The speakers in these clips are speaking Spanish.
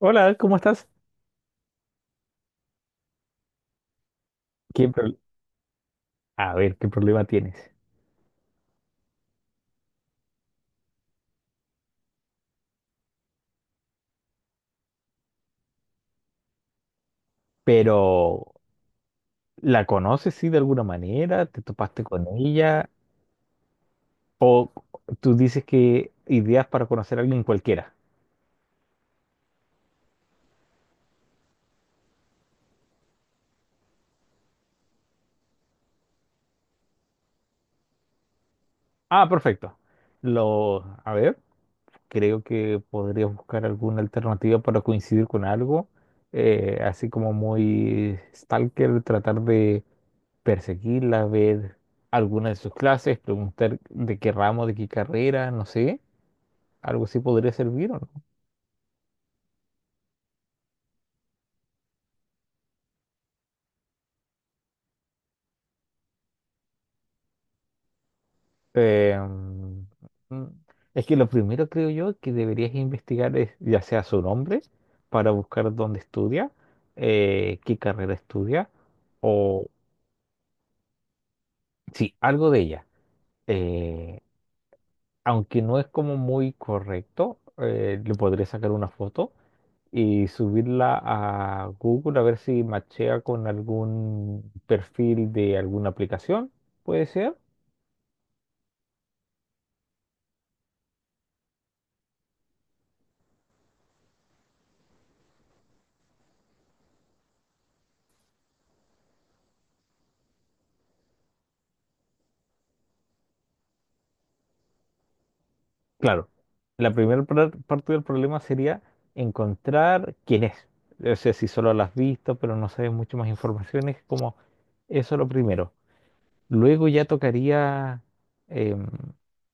Hola, ¿cómo estás? ¿Qué pro- A ver, ¿qué problema tienes? Pero, ¿la conoces, sí, de alguna manera? ¿Te topaste con ella? ¿O tú dices que ideas para conocer a alguien cualquiera? Ah, perfecto. A ver, creo que podrías buscar alguna alternativa para coincidir con algo, así como muy stalker, tratar de perseguirla, ver alguna de sus clases, preguntar de qué ramo, de qué carrera, no sé, algo así podría servir, ¿o no? Eh, mm, mm, es que lo primero creo yo que deberías investigar es ya sea su nombre para buscar dónde estudia, qué carrera estudia o sí, algo de ella. Eh, Aunque no es como muy correcto, le podré sacar una foto y subirla a Google a ver si machea con algún perfil de alguna aplicación, puede ser. Claro, la primera parte del problema sería encontrar quién es. O sea, si solo la has visto, pero no sabes mucho más información, es como eso lo primero. Luego ya tocaría, em,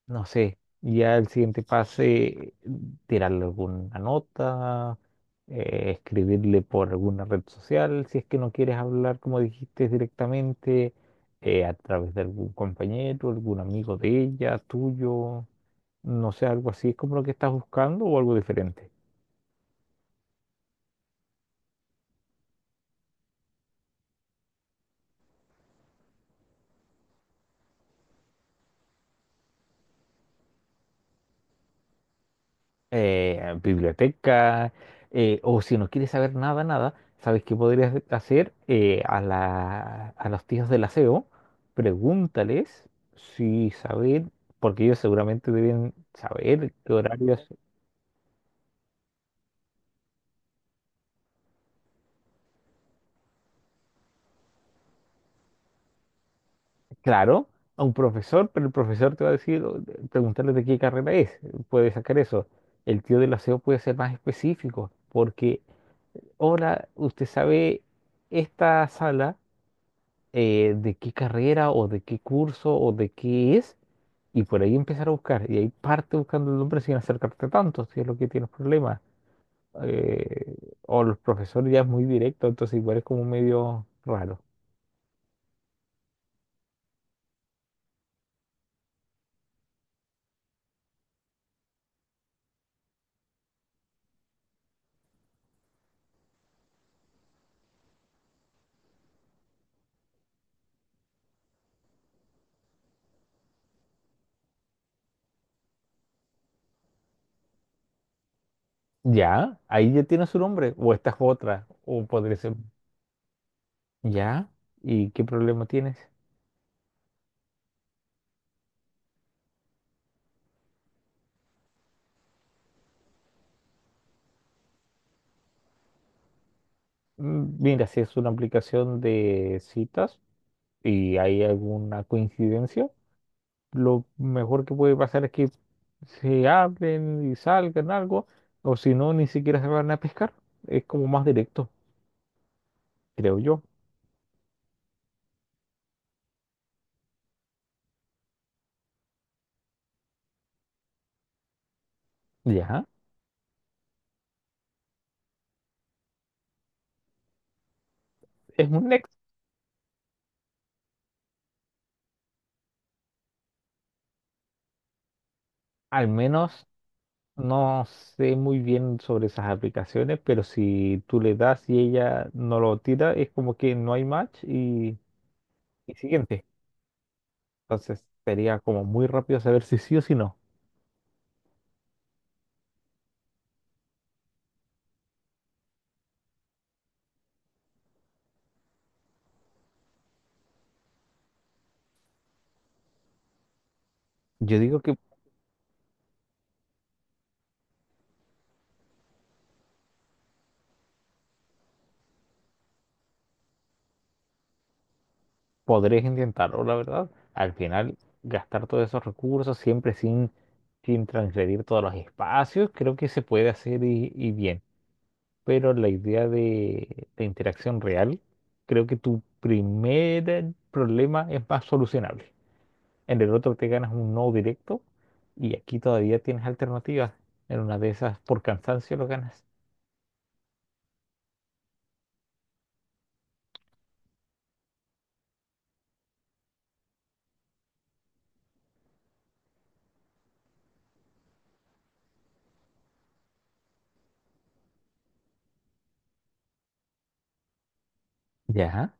no sé, ya el siguiente pase, tirarle alguna nota, escribirle por alguna red social, si es que no quieres hablar, como dijiste, directamente, a través de algún compañero, algún amigo de ella, tuyo. No sé, algo así es como lo que estás buscando o algo diferente. Biblioteca, o si no quieres saber nada, nada, ¿sabes qué podrías hacer? A los tíos del aseo, pregúntales si saben, porque ellos seguramente deben saber qué horarios. Claro, a un profesor, pero el profesor te va a decir, preguntarle de qué carrera es, puede sacar eso. El tío del aseo puede ser más específico, porque ahora usted sabe esta sala de qué carrera o de qué curso o de qué es, y por ahí empezar a buscar. Y ahí parte buscando el nombre sin acercarte tanto, si es lo que tienes problemas. Eh, o los profesores ya es muy directo, entonces igual es como medio raro. Ya, ahí ya tienes su nombre, o esta es otra, o podría ser. Ya, ¿y qué problema tienes? Mm, mira, si es una aplicación de citas y hay alguna coincidencia, lo mejor que puede pasar es que se hablen y salgan algo, o si no, ni siquiera se van a pescar. Es como más directo, creo yo. Ya, es un next. Al menos no sé muy bien sobre esas aplicaciones, pero si tú le das y ella no lo tira, es como que no hay match y siguiente. Entonces sería como muy rápido saber si sí o si no. Yo digo que podrías intentarlo, la verdad. Al final, gastar todos esos recursos siempre sin transgredir todos los espacios, creo que se puede hacer y bien. Pero la idea de interacción real, creo que tu primer problema es más solucionable. En el otro te ganas un no directo y aquí todavía tienes alternativas. En una de esas, por cansancio lo ganas. Ya.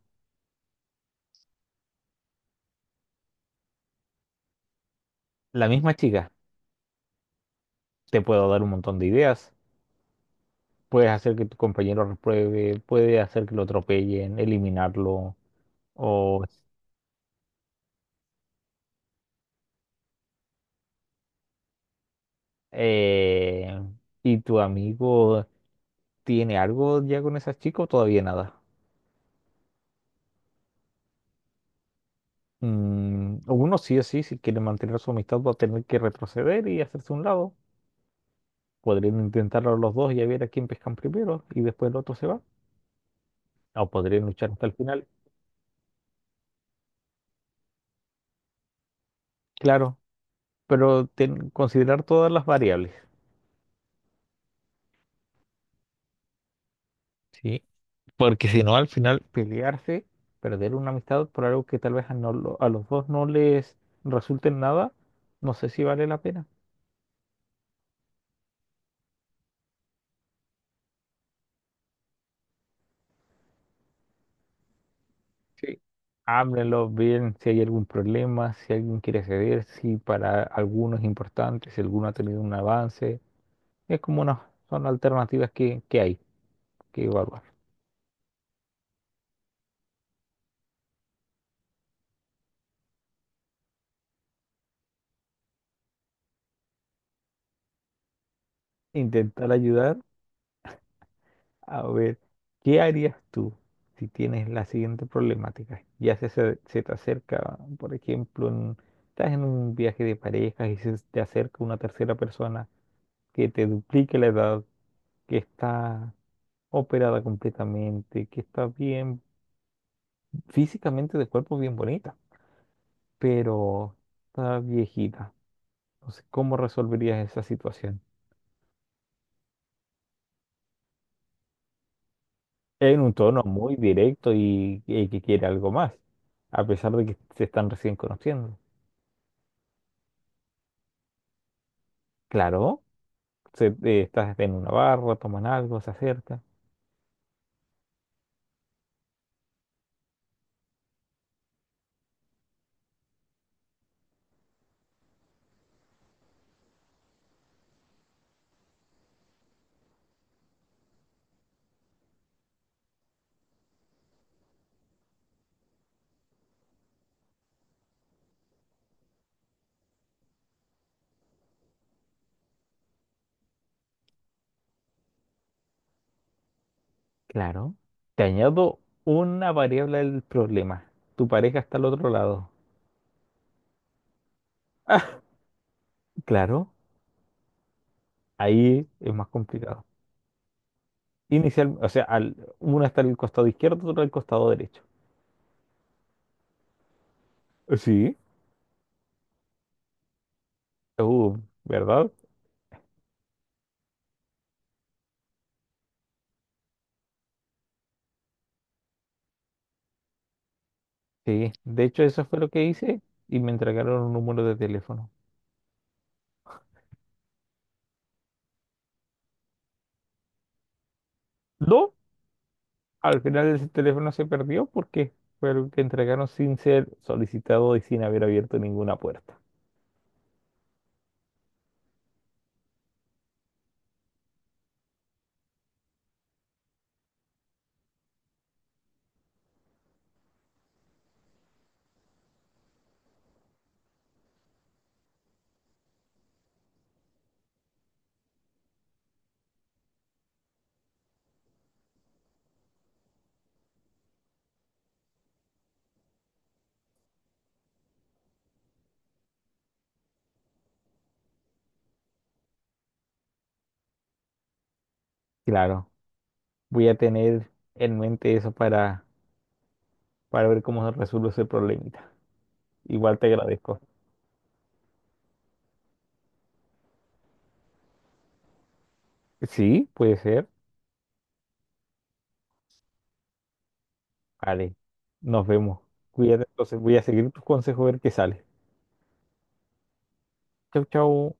La misma chica, te puedo dar un montón de ideas. Puedes hacer que tu compañero repruebe, puede hacer que lo atropellen, eliminarlo, o eh, ¿y tu amigo tiene algo ya con esas chicas o todavía nada? Mm, uno sí o sí, si quiere mantener su amistad va a tener que retroceder y hacerse a un lado. Podrían intentarlo los dos y a ver a quién pescan primero y después el otro se va. O podrían luchar hasta el final. Claro, pero considerar todas las variables. Sí, porque si no, al final pelearse, perder una amistad por algo que tal vez a los dos no les resulte en nada, no sé si vale la pena. Sí. Háblenlo bien si hay algún problema, si alguien quiere ceder, si para alguno es importante, si alguno ha tenido un avance. Es como una, son alternativas que hay que evaluar. Intentar ayudar. A ver, ¿qué harías tú si tienes la siguiente problemática? Se te acerca, por ejemplo, estás en un viaje de parejas y se te acerca una tercera persona que te duplique la edad, que está operada completamente, que está bien físicamente de cuerpo bien bonita, pero está viejita. Entonces, ¿cómo resolverías esa situación? En un tono muy directo y que quiere algo más, a pesar de que se están recién conociendo. Claro. Estás en una barra, toman algo, se acerca. Claro. Te añado una variable del problema. Tu pareja está al otro lado. Claro, ahí es más complicado. Inicial, o sea, al, uno está al costado izquierdo, otro al costado derecho. Sí. Uh, ¿Verdad? Sí. De hecho, eso fue lo que hice y me entregaron un número de teléfono. No, al final ese teléfono se perdió porque fue el que entregaron sin ser solicitado y sin haber abierto ninguna puerta. Claro. Voy a tener en mente eso para ver cómo se resuelve ese problemita. Igual te agradezco. Sí, puede ser. Vale, nos vemos. Cuídate, entonces voy a seguir tus consejos a ver qué sale. Chau, chau.